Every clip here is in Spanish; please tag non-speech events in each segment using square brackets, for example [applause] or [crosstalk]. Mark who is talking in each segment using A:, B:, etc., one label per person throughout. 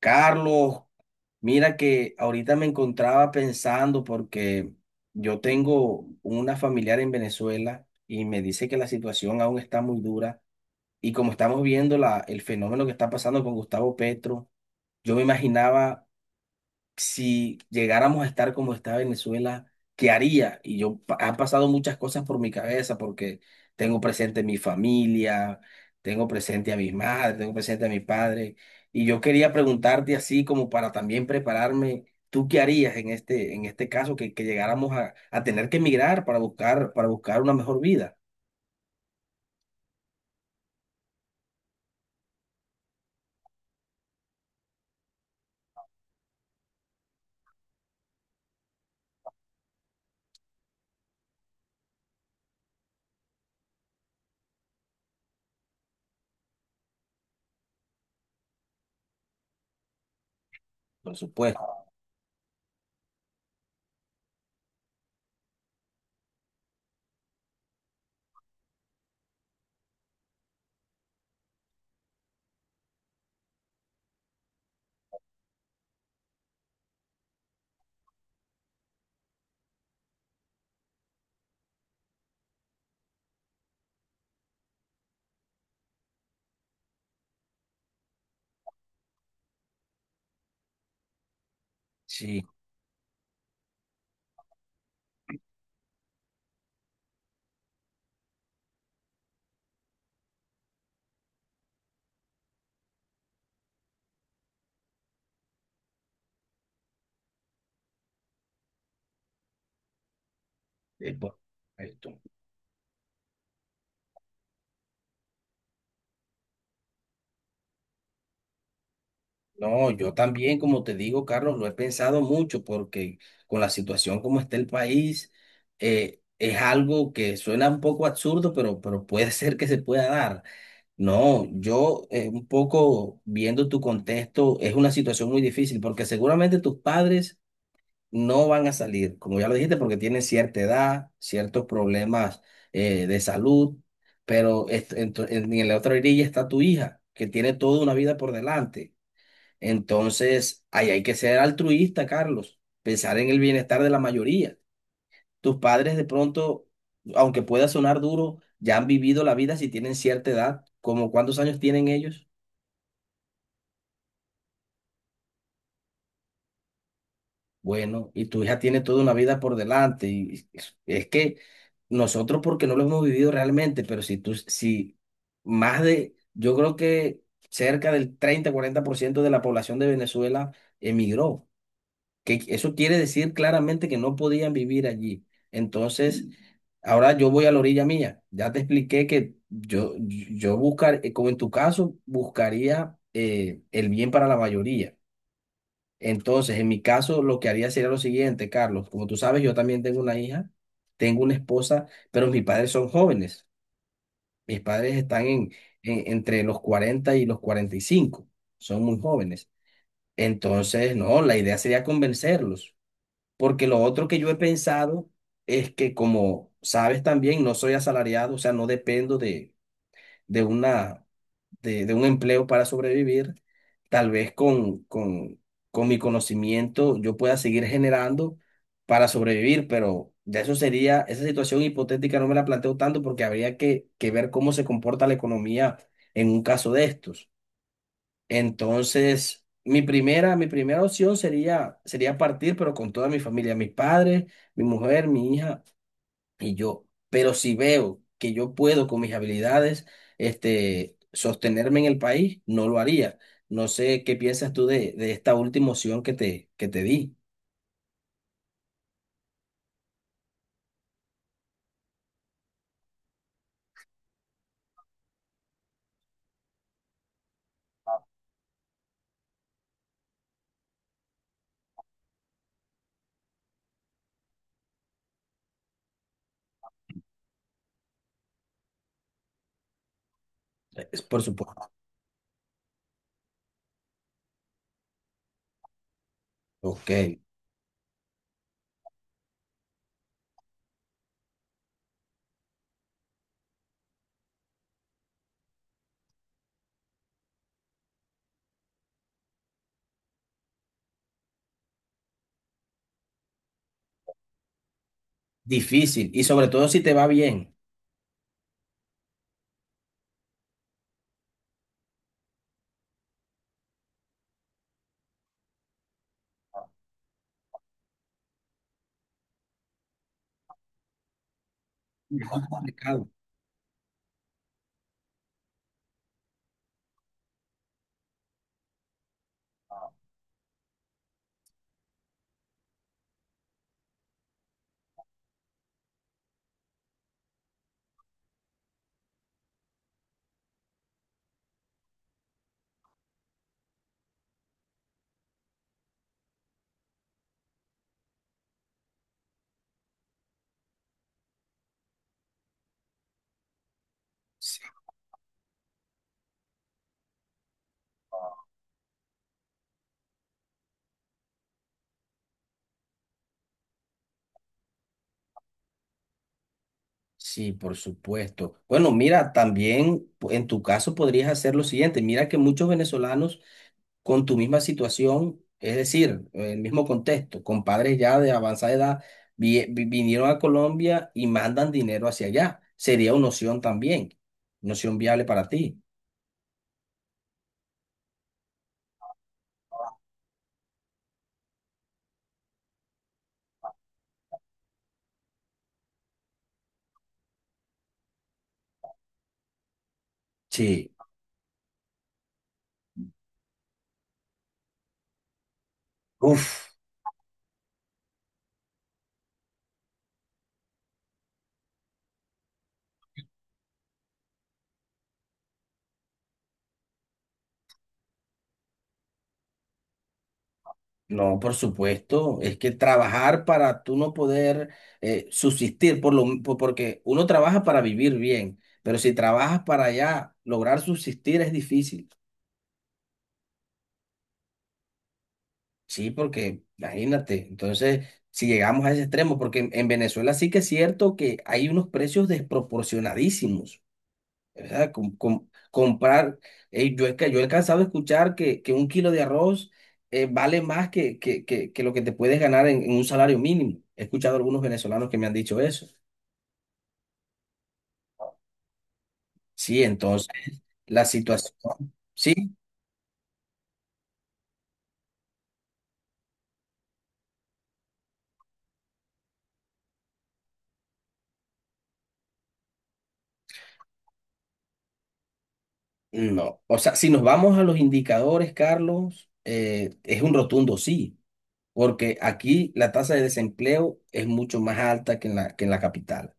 A: Carlos, mira que ahorita me encontraba pensando porque yo tengo una familiar en Venezuela y me dice que la situación aún está muy dura y como estamos viendo el fenómeno que está pasando con Gustavo Petro, yo me imaginaba si llegáramos a estar como está Venezuela, ¿qué haría? Han pasado muchas cosas por mi cabeza porque tengo presente mi familia, tengo presente a mis madres, tengo presente a mi padre. Y yo quería preguntarte así como para también prepararme, ¿tú qué harías en este caso que llegáramos a tener que emigrar para buscar una mejor vida? Por supuesto. Sí, eh, por- esto. No, yo también, como te digo, Carlos, lo he pensado mucho porque con la situación como está el país, es algo que suena un poco absurdo, pero puede [laughs] ser que se pueda dar. No, yo un poco viendo tu contexto, es una situación muy difícil porque seguramente tus padres no van a salir, como ya lo dijiste, porque tienen cierta edad, ciertos problemas de salud, pero est- en, tu- en la otra orilla está tu hija, que tiene toda una vida por delante. Entonces, ahí hay que ser altruista, Carlos, pensar en el bienestar de la mayoría. Tus padres de pronto, aunque pueda sonar duro, ya han vivido la vida si tienen cierta edad, ¿como cuántos años tienen ellos? Bueno, y tu hija tiene toda una vida por delante. Y es que nosotros porque no lo hemos vivido realmente, pero si tú, si más de, yo creo que cerca del 30 40% de la población de Venezuela emigró. Que eso quiere decir claramente que no podían vivir allí. Entonces, ahora yo voy a la orilla mía. Ya te expliqué que yo como en tu caso, buscaría el bien para la mayoría. Entonces, en mi caso, lo que haría sería lo siguiente, Carlos. Como tú sabes, yo también tengo una hija, tengo una esposa, pero mis padres son jóvenes. Mis padres están entre los 40 y los 45. Son muy jóvenes. Entonces, no, la idea sería convencerlos porque lo otro que yo he pensado es que, como sabes también, no soy asalariado, o sea, no dependo de una, de un empleo para sobrevivir. Tal vez con mi conocimiento yo pueda seguir generando para sobrevivir, pero esa situación hipotética no me la planteo tanto porque habría que ver cómo se comporta la economía en un caso de estos. Entonces, mi primera opción sería partir, pero con toda mi familia, mis padres, mi mujer, mi hija y yo. Pero si veo que yo puedo con mis habilidades, este, sostenerme en el país, no lo haría. No sé qué piensas tú de esta última opción que te di. Es por supuesto. Ok. Difícil. Y sobre todo si te va bien. Muy complicado. Sí. Sí, por supuesto. Bueno, mira, también en tu caso podrías hacer lo siguiente. Mira que muchos venezolanos con tu misma situación, es decir, el mismo contexto, con padres ya de avanzada edad, vinieron a Colombia y mandan dinero hacia allá. Sería una opción también, una opción viable para ti. Sí. Uf. No, por supuesto, es que trabajar para tú no poder subsistir, porque uno trabaja para vivir bien, pero si trabajas para ya lograr subsistir es difícil, sí, porque imagínate, entonces si llegamos a ese extremo, porque en, Venezuela sí que es cierto que hay unos precios desproporcionadísimos. ¿Verdad? Comprar, yo he alcanzado a escuchar que un kilo de arroz vale más que lo que te puedes ganar en un salario mínimo. He escuchado a algunos venezolanos que me han dicho eso. Sí, entonces, la situación, sí, no. O sea, si nos vamos a los indicadores, Carlos, es un rotundo sí, porque aquí la tasa de desempleo es mucho más alta que en la capital.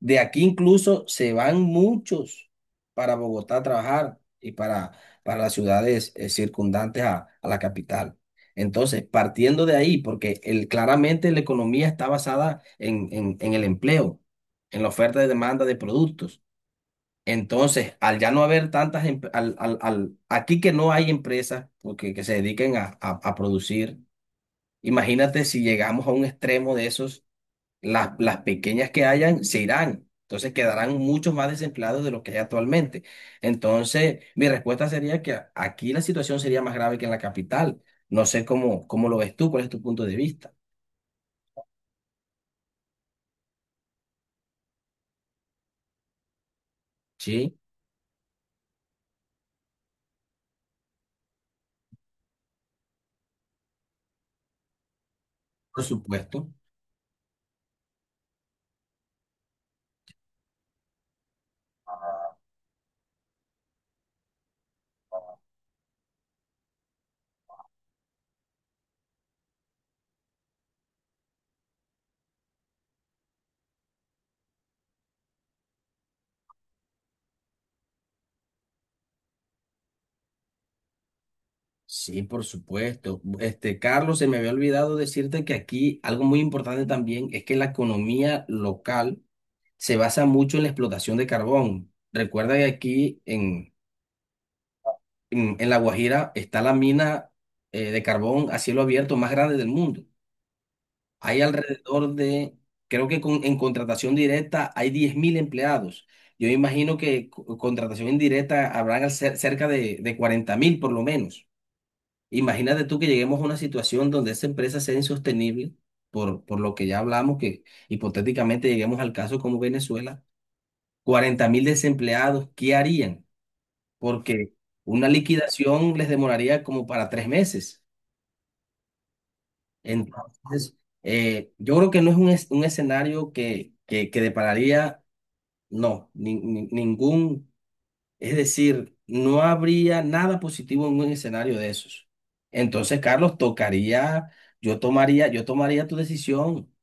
A: De aquí incluso se van muchos para Bogotá a trabajar y para las ciudades circundantes a la capital. Entonces, partiendo de ahí, porque claramente la economía está basada en, en el empleo, en la oferta y demanda de productos. Entonces, al ya no haber tantas, aquí que no hay empresas porque, que se dediquen a producir, imagínate si llegamos a un extremo de esos las pequeñas que hayan se irán. Entonces quedarán muchos más desempleados de los que hay actualmente. Entonces, mi respuesta sería que aquí la situación sería más grave que en la capital. No sé cómo lo ves tú, cuál es tu punto de vista. Sí, por supuesto. Sí, por supuesto. Este, Carlos, se me había olvidado decirte que aquí algo muy importante también es que la economía local se basa mucho en la explotación de carbón. Recuerda que aquí en, en La Guajira está la mina de carbón a cielo abierto más grande del mundo. Hay alrededor de, creo que en contratación directa hay 10.000 empleados. Yo imagino que contratación indirecta habrán cerca de 40.000 por lo menos. Imagínate tú que lleguemos a una situación donde esa empresa sea insostenible, por lo que ya hablamos, que hipotéticamente lleguemos al caso como Venezuela, 40.000 desempleados, ¿qué harían? Porque una liquidación les demoraría como para 3 meses. Entonces, yo creo que no es un, un escenario que depararía, no, es decir, no habría nada positivo en un escenario de esos. Entonces, Carlos, tocaría, yo tomaría tu decisión.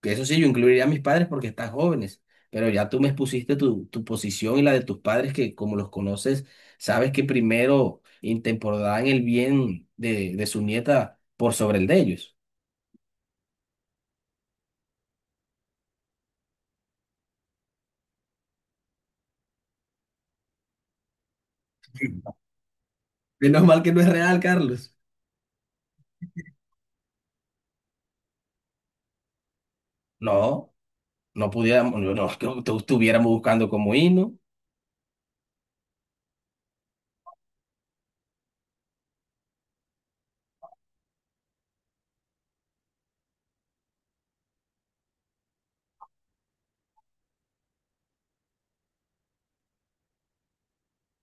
A: Que eso sí, yo incluiría a mis padres porque están jóvenes, pero ya tú me expusiste tu posición y la de tus padres, que como los conoces, sabes que primero intemporarán el bien de su nieta por sobre el de ellos. Menos mal que no es real, Carlos. No, no pudiéramos, no, no, que tú estuviéramos buscando como himno.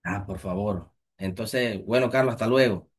A: Ah, por favor. Entonces, bueno, Carlos, hasta luego.